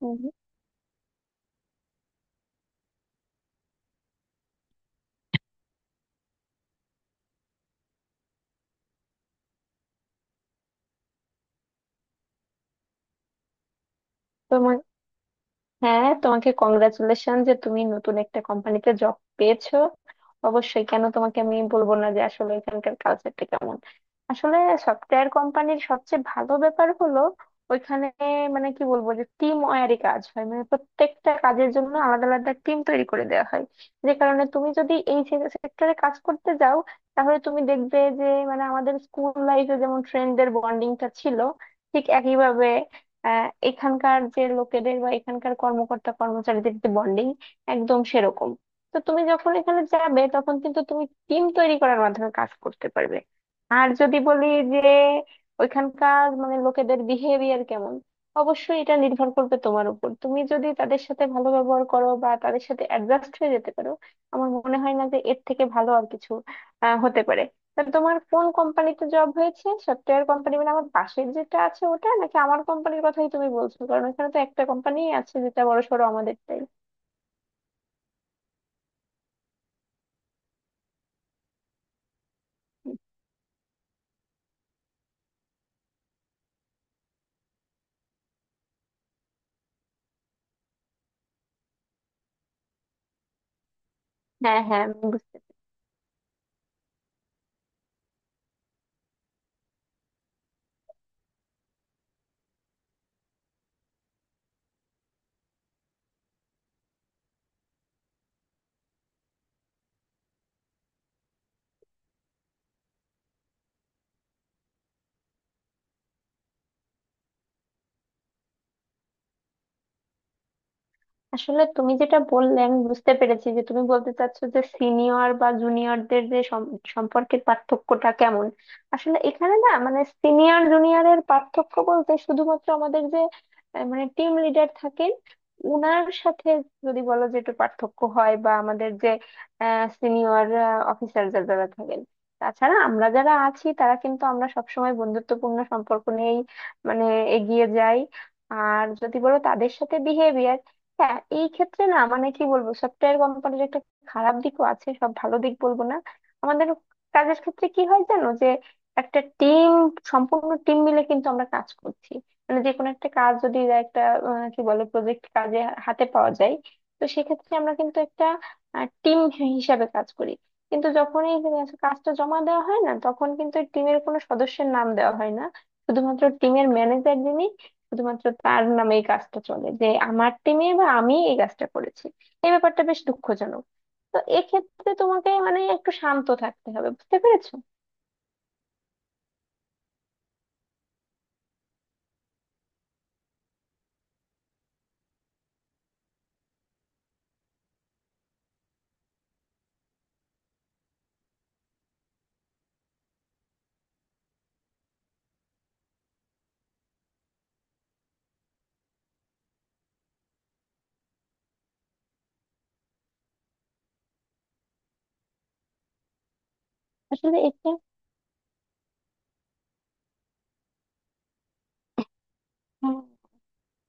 হুম, তোমার হ্যাঁ, তোমাকে কংগ্রাচুলেশন যে তুমি নতুন একটা কোম্পানিতে জব পেয়েছো। অবশ্যই, কেন তোমাকে আমি বলবো না যে আসলে এখানকার কালচারটা কেমন। আসলে সফটওয়্যার কোম্পানির সবচেয়ে ভালো ব্যাপার হলো ওইখানে, মানে কি বলবো, যে টিম ওয়ারি কাজ হয়, মানে প্রত্যেকটা কাজের জন্য আলাদা আলাদা টিম তৈরি করে দেওয়া হয়। যে কারণে তুমি যদি এই সেক্টরে কাজ করতে যাও তাহলে তুমি দেখবে যে, মানে আমাদের স্কুল লাইফে যেমন ফ্রেন্ডদের বন্ডিংটা ছিল, ঠিক একইভাবে এখানকার যে লোকেদের বা এখানকার কর্মকর্তা কর্মচারীদের যে বন্ডিং, একদম সেরকম। তো তুমি যখন এখানে যাবে তখন কিন্তু তুমি টিম তৈরি করার মাধ্যমে কাজ করতে পারবে। আর যদি বলি যে ওইখানকার মানে লোকেদের বিহেভিয়ার কেমন, অবশ্যই এটা নির্ভর করবে তোমার উপর, তুমি যদি তাদের সাথে ভালো ব্যবহার করো বা তাদের সাথে অ্যাডজাস্ট হয়ে যেতে পারো। আমার মনে হয় না যে এর থেকে ভালো আর কিছু হতে পারে। তা তোমার কোন কোম্পানিতে জব হয়েছে? সফটওয়্যার কোম্পানি মানে আমার পাশের যেটা আছে ওটা, নাকি আমার কোম্পানির কথাই তুমি বলছো? কারণ ওখানে তো একটা কোম্পানি আছে যেটা বড় সড়ো, আমাদেরটাই। হ্যাঁ হ্যাঁ, আসলে তুমি যেটা বললে আমি বুঝতে পেরেছি, যে তুমি বলতে চাচ্ছো যে সিনিয়র বা জুনিয়রদের যে সম্পর্কের পার্থক্যটা কেমন। আসলে এখানে না, মানে সিনিয়র জুনিয়রের পার্থক্য বলতে শুধুমাত্র আমাদের যে মানে টিম লিডার থাকেন, উনার সাথে যদি বলো যে একটু পার্থক্য হয়, বা আমাদের যে সিনিয়র অফিসার যারা থাকেন। তাছাড়া আমরা যারা আছি তারা কিন্তু আমরা সবসময় বন্ধুত্বপূর্ণ সম্পর্ক নিয়েই মানে এগিয়ে যাই। আর যদি বলো তাদের সাথে বিহেভিয়ার, হ্যাঁ এই ক্ষেত্রে না, মানে কি বলবো, সফটওয়্যার কোম্পানির একটা খারাপ দিকও আছে, সব ভালো দিক বলবো না। আমাদের কাজের ক্ষেত্রে কি হয় জানো? যে একটা টিম, সম্পূর্ণ টিম মিলে কিন্তু আমরা কাজ করছি, মানে যে কোনো একটা কাজ যদি বা একটা কি বলে, প্রজেক্ট কাজে হাতে পাওয়া যায়, তো সেক্ষেত্রে আমরা কিন্তু একটা টিম হিসাবে কাজ করি। কিন্তু যখনই কাজটা জমা দেওয়া হয় না, তখন কিন্তু টিমের কোনো সদস্যের নাম দেওয়া হয় না, শুধুমাত্র টিমের ম্যানেজার যিনি, শুধুমাত্র তার নামে এই কাজটা চলে, যে আমার টিমে বা আমি এই কাজটা করেছি। এই ব্যাপারটা বেশ দুঃখজনক। তো এক্ষেত্রে তোমাকে মানে একটু শান্ত থাকতে হবে, বুঝতে পেরেছো? আসলে এটা,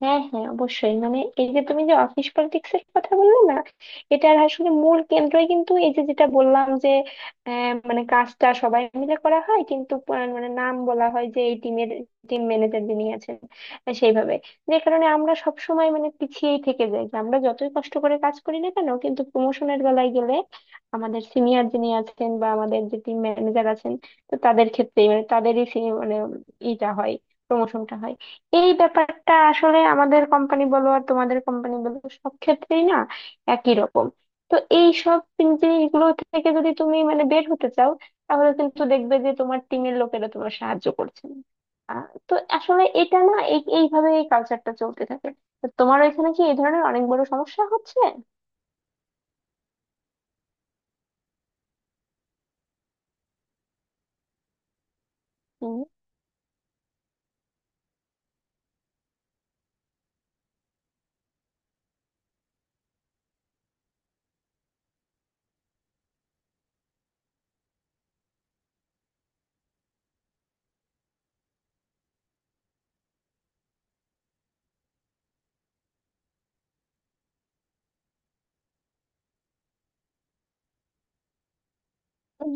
হ্যাঁ হ্যাঁ, অবশ্যই মানে এই যে তুমি যে অফিস পলিটিক্স এর কথা বললে না, এটার আসলে মূল কেন্দ্রই কিন্তু এই যে যেটা বললাম যে, মানে কাজটা সবাই মিলে করা হয় কিন্তু মানে নাম বলা হয় যে এই টিমের টিম ম্যানেজার যিনি আছেন, সেইভাবে। যে কারণে আমরা সব সময় মানে পিছিয়েই থেকে যাই, যে আমরা যতই কষ্ট করে কাজ করি না কেন কিন্তু প্রমোশনের বেলায় গেলে আমাদের সিনিয়র যিনি আছেন বা আমাদের যে টিম ম্যানেজার আছেন, তো তাদের ক্ষেত্রেই মানে তাদেরই মানে ইটা হয়, প্রমোশনটা হয়। এই ব্যাপারটা আসলে আমাদের কোম্পানি বলো আর তোমাদের কোম্পানি বলো, সব ক্ষেত্রেই না একই রকম। তো এই সব জিনিসগুলো থেকে যদি তুমি মানে বের হতে চাও, তাহলে কিন্তু দেখবে যে তোমার টিমের লোকেরা তোমার সাহায্য করছে না। তো আসলে এটা না, এইভাবে এই কালচারটা চলতে থাকে। তো তোমার এখানে কি এই ধরনের অনেক বড় সমস্যা হচ্ছে? হুম,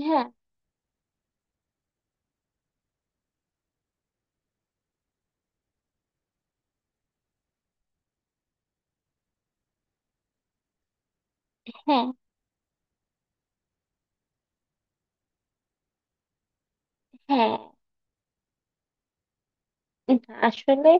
হ্যাঁ হ্যাঁ হ্যাঁ, আসলে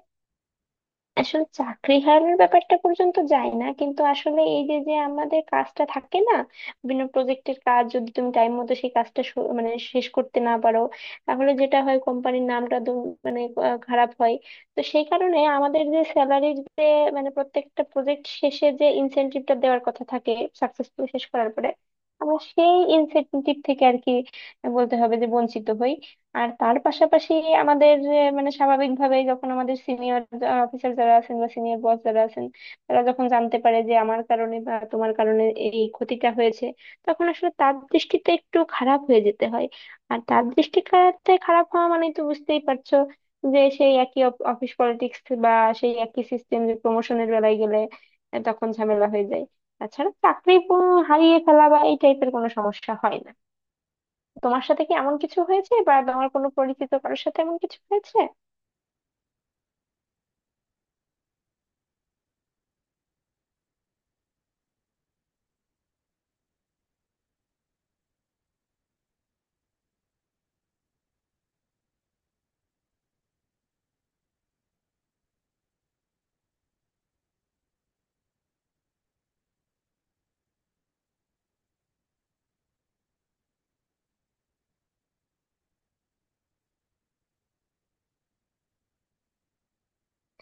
আসলে চাকরি হারানোর ব্যাপারটা পর্যন্ত যায় না কিন্তু আসলে এই যে যে আমাদের কাজটা থাকে না, বিভিন্ন প্রজেক্টের কাজ যদি তুমি টাইম মতো সেই কাজটা মানে শেষ করতে না পারো, তাহলে যেটা হয় কোম্পানির নামটা মানে খারাপ হয়। তো সেই কারণে আমাদের যে স্যালারির যে, মানে প্রত্যেকটা প্রজেক্ট শেষে যে ইনসেনটিভটা দেওয়ার কথা থাকে সাকসেসফুলি শেষ করার পরে, আমরা সেই ইনসেনটিভ থেকে আর কি বলতে হবে যে বঞ্চিত হই। আর তার পাশাপাশি আমাদের যে, মানে স্বাভাবিকভাবে যখন আমাদের সিনিয়র অফিসার যারা আছেন বা সিনিয়র বস যারা আছেন, তারা যখন জানতে পারে যে আমার কারণে বা তোমার কারণে এই ক্ষতিটা হয়েছে, তখন আসলে তার দৃষ্টিতে একটু খারাপ হয়ে যেতে হয়। আর তার দৃষ্টিতে খারাপ হওয়া মানে তো বুঝতেই পারছো যে সেই একই অফিস পলিটিক্স বা সেই একই সিস্টেম, যে প্রমোশনের বেলায় গেলে তখন ঝামেলা হয়ে যায়। তাছাড়া চাকরি হারিয়ে ফেলা বা এই টাইপের কোনো সমস্যা হয় না। তোমার সাথে কি এমন কিছু হয়েছে বা তোমার কোনো পরিচিত কারোর সাথে এমন কিছু হয়েছে?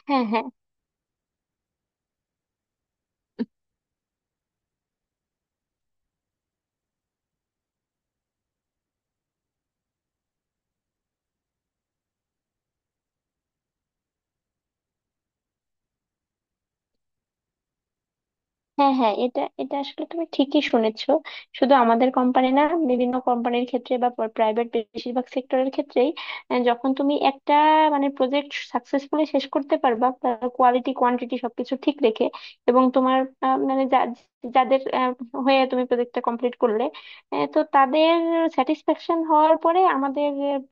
হ্যাঁ হ্যাঁ হ্যাঁ হ্যাঁ, এটা এটা আসলে তুমি ঠিকই শুনেছো। শুধু আমাদের কোম্পানি না, বিভিন্ন কোম্পানির ক্ষেত্রে বা প্রাইভেট বেশিরভাগ সেক্টরের ক্ষেত্রেই, যখন তুমি একটা মানে প্রজেক্ট সাকসেসফুলি শেষ করতে পারবা, কোয়ালিটি কোয়ান্টিটি সবকিছু ঠিক রেখে, এবং তোমার মানে যাদের হয়ে তুমি প্রজেক্টটা কমপ্লিট করলে, তো তাদের স্যাটিসফ্যাকশন হওয়ার পরে আমাদের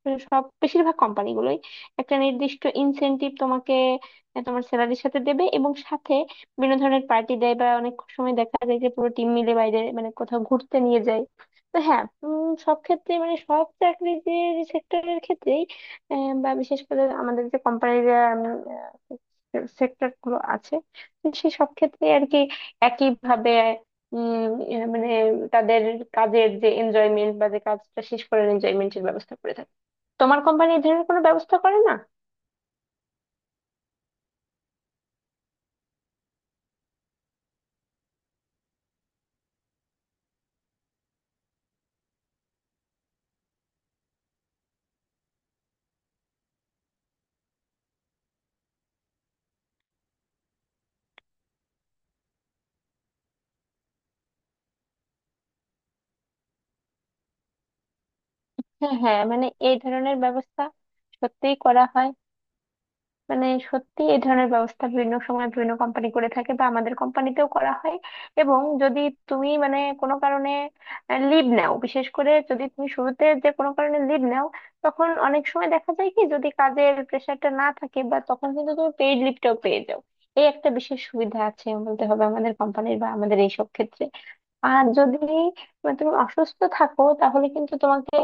সব বেশিরভাগ কোম্পানিগুলোই একটা নির্দিষ্ট ইনসেনটিভ তোমাকে, তোমার স্যালারির সাথে দেবে, এবং সাথে বিভিন্ন ধরনের পার্টি দেয় বা অনেক সময় দেখা যায় যে পুরো টিম মিলে বাইরে মানে কোথাও ঘুরতে নিয়ে যায়। তো হ্যাঁ, সব ক্ষেত্রে মানে সব চাকরির যে সেক্টরের ক্ষেত্রেই, বা বিশেষ করে আমাদের যে কোম্পানির সেক্টর গুলো আছে, তো সেই সব ক্ষেত্রে আর কি একই ভাবে উম মানে তাদের কাজের যে এনজয়মেন্ট বা যে কাজটা শেষ করার এনজয়মেন্টের ব্যবস্থা করে থাকে। তোমার কোম্পানি এই ধরনের কোনো ব্যবস্থা করে না? হ্যাঁ হ্যাঁ, মানে এই ধরনের ব্যবস্থা সত্যিই করা হয়, মানে সত্যি এই ধরনের ব্যবস্থা বিভিন্ন সময় বিভিন্ন কোম্পানি করে থাকে বা আমাদের কোম্পানিতেও করা হয়। এবং যদি তুমি মানে কোনো কারণে লিভ নাও, বিশেষ করে যদি তুমি শুরুতে যে কোনো কারণে লিভ নাও, তখন অনেক সময় দেখা যায় কি, যদি কাজের প্রেশারটা না থাকে বা, তখন কিন্তু তুমি পেইড লিভটাও পেয়ে যাও। এই একটা বিশেষ সুবিধা আছে বলতে হবে আমাদের কোম্পানির বা আমাদের এইসব ক্ষেত্রে। আর যদি মানে তুমি অসুস্থ থাকো তাহলে কিন্তু তোমাকে,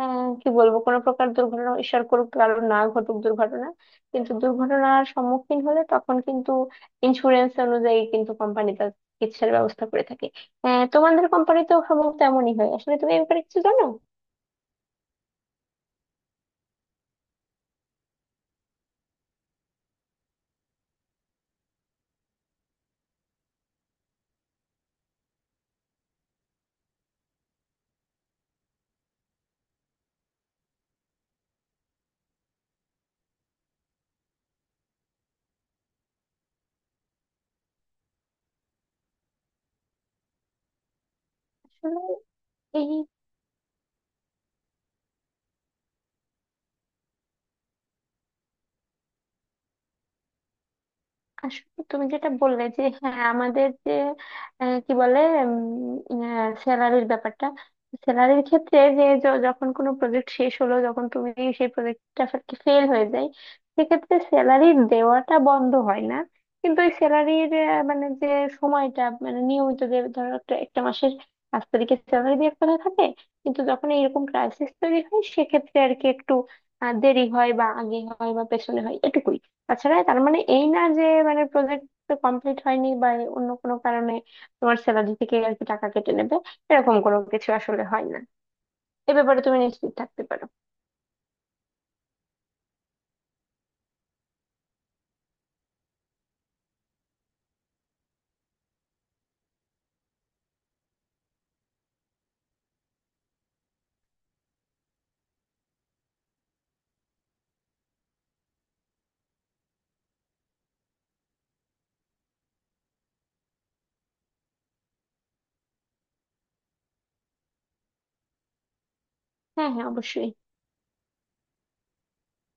কি বলবো, কোনো প্রকার দুর্ঘটনা, ঈশ্বর করুক কারণ না ঘটুক দুর্ঘটনা, কিন্তু দুর্ঘটনার সম্মুখীন হলে তখন কিন্তু ইন্স্যুরেন্স অনুযায়ী কিন্তু কোম্পানি তার চিকিৎসার ব্যবস্থা করে থাকে। তোমাদের কোম্পানিতেও সম্ভবত এমনই হয়, আসলে তুমি এই ব্যাপারে কিছু জানো? আসলে এই, আসলে তুমি যেটা বললে যে, হ্যাঁ আমাদের যে কি বলে স্যালারির ব্যাপারটা, স্যালারির ক্ষেত্রে যে যখন কোনো প্রজেক্ট শেষ হলো, যখন তুমি সেই প্রজেক্টটা ফেল হয়ে যায়, সেক্ষেত্রে স্যালারি দেওয়াটা বন্ধ হয় না। কিন্তু ওই স্যালারির মানে যে সময়টা, মানে নিয়মিত যে ধরো একটা একটা মাসের 5 তারিখে স্যালারি দেওয়ার কথা থাকে, কিন্তু যখন এইরকম ক্রাইসিস তৈরি হয় সেক্ষেত্রে আর কি একটু দেরি হয় বা আগে হয় বা পেছনে হয়, এটুকুই। তাছাড়া তার মানে এই না যে মানে প্রজেক্ট কমপ্লিট হয়নি বা অন্য কোনো কারণে তোমার স্যালারি থেকে আর কি টাকা কেটে নেবে, এরকম কোনো কিছু আসলে হয় না। এ ব্যাপারে তুমি নিশ্চিত থাকতে পারো। হ্যাঁ হ্যাঁ, অবশ্যই।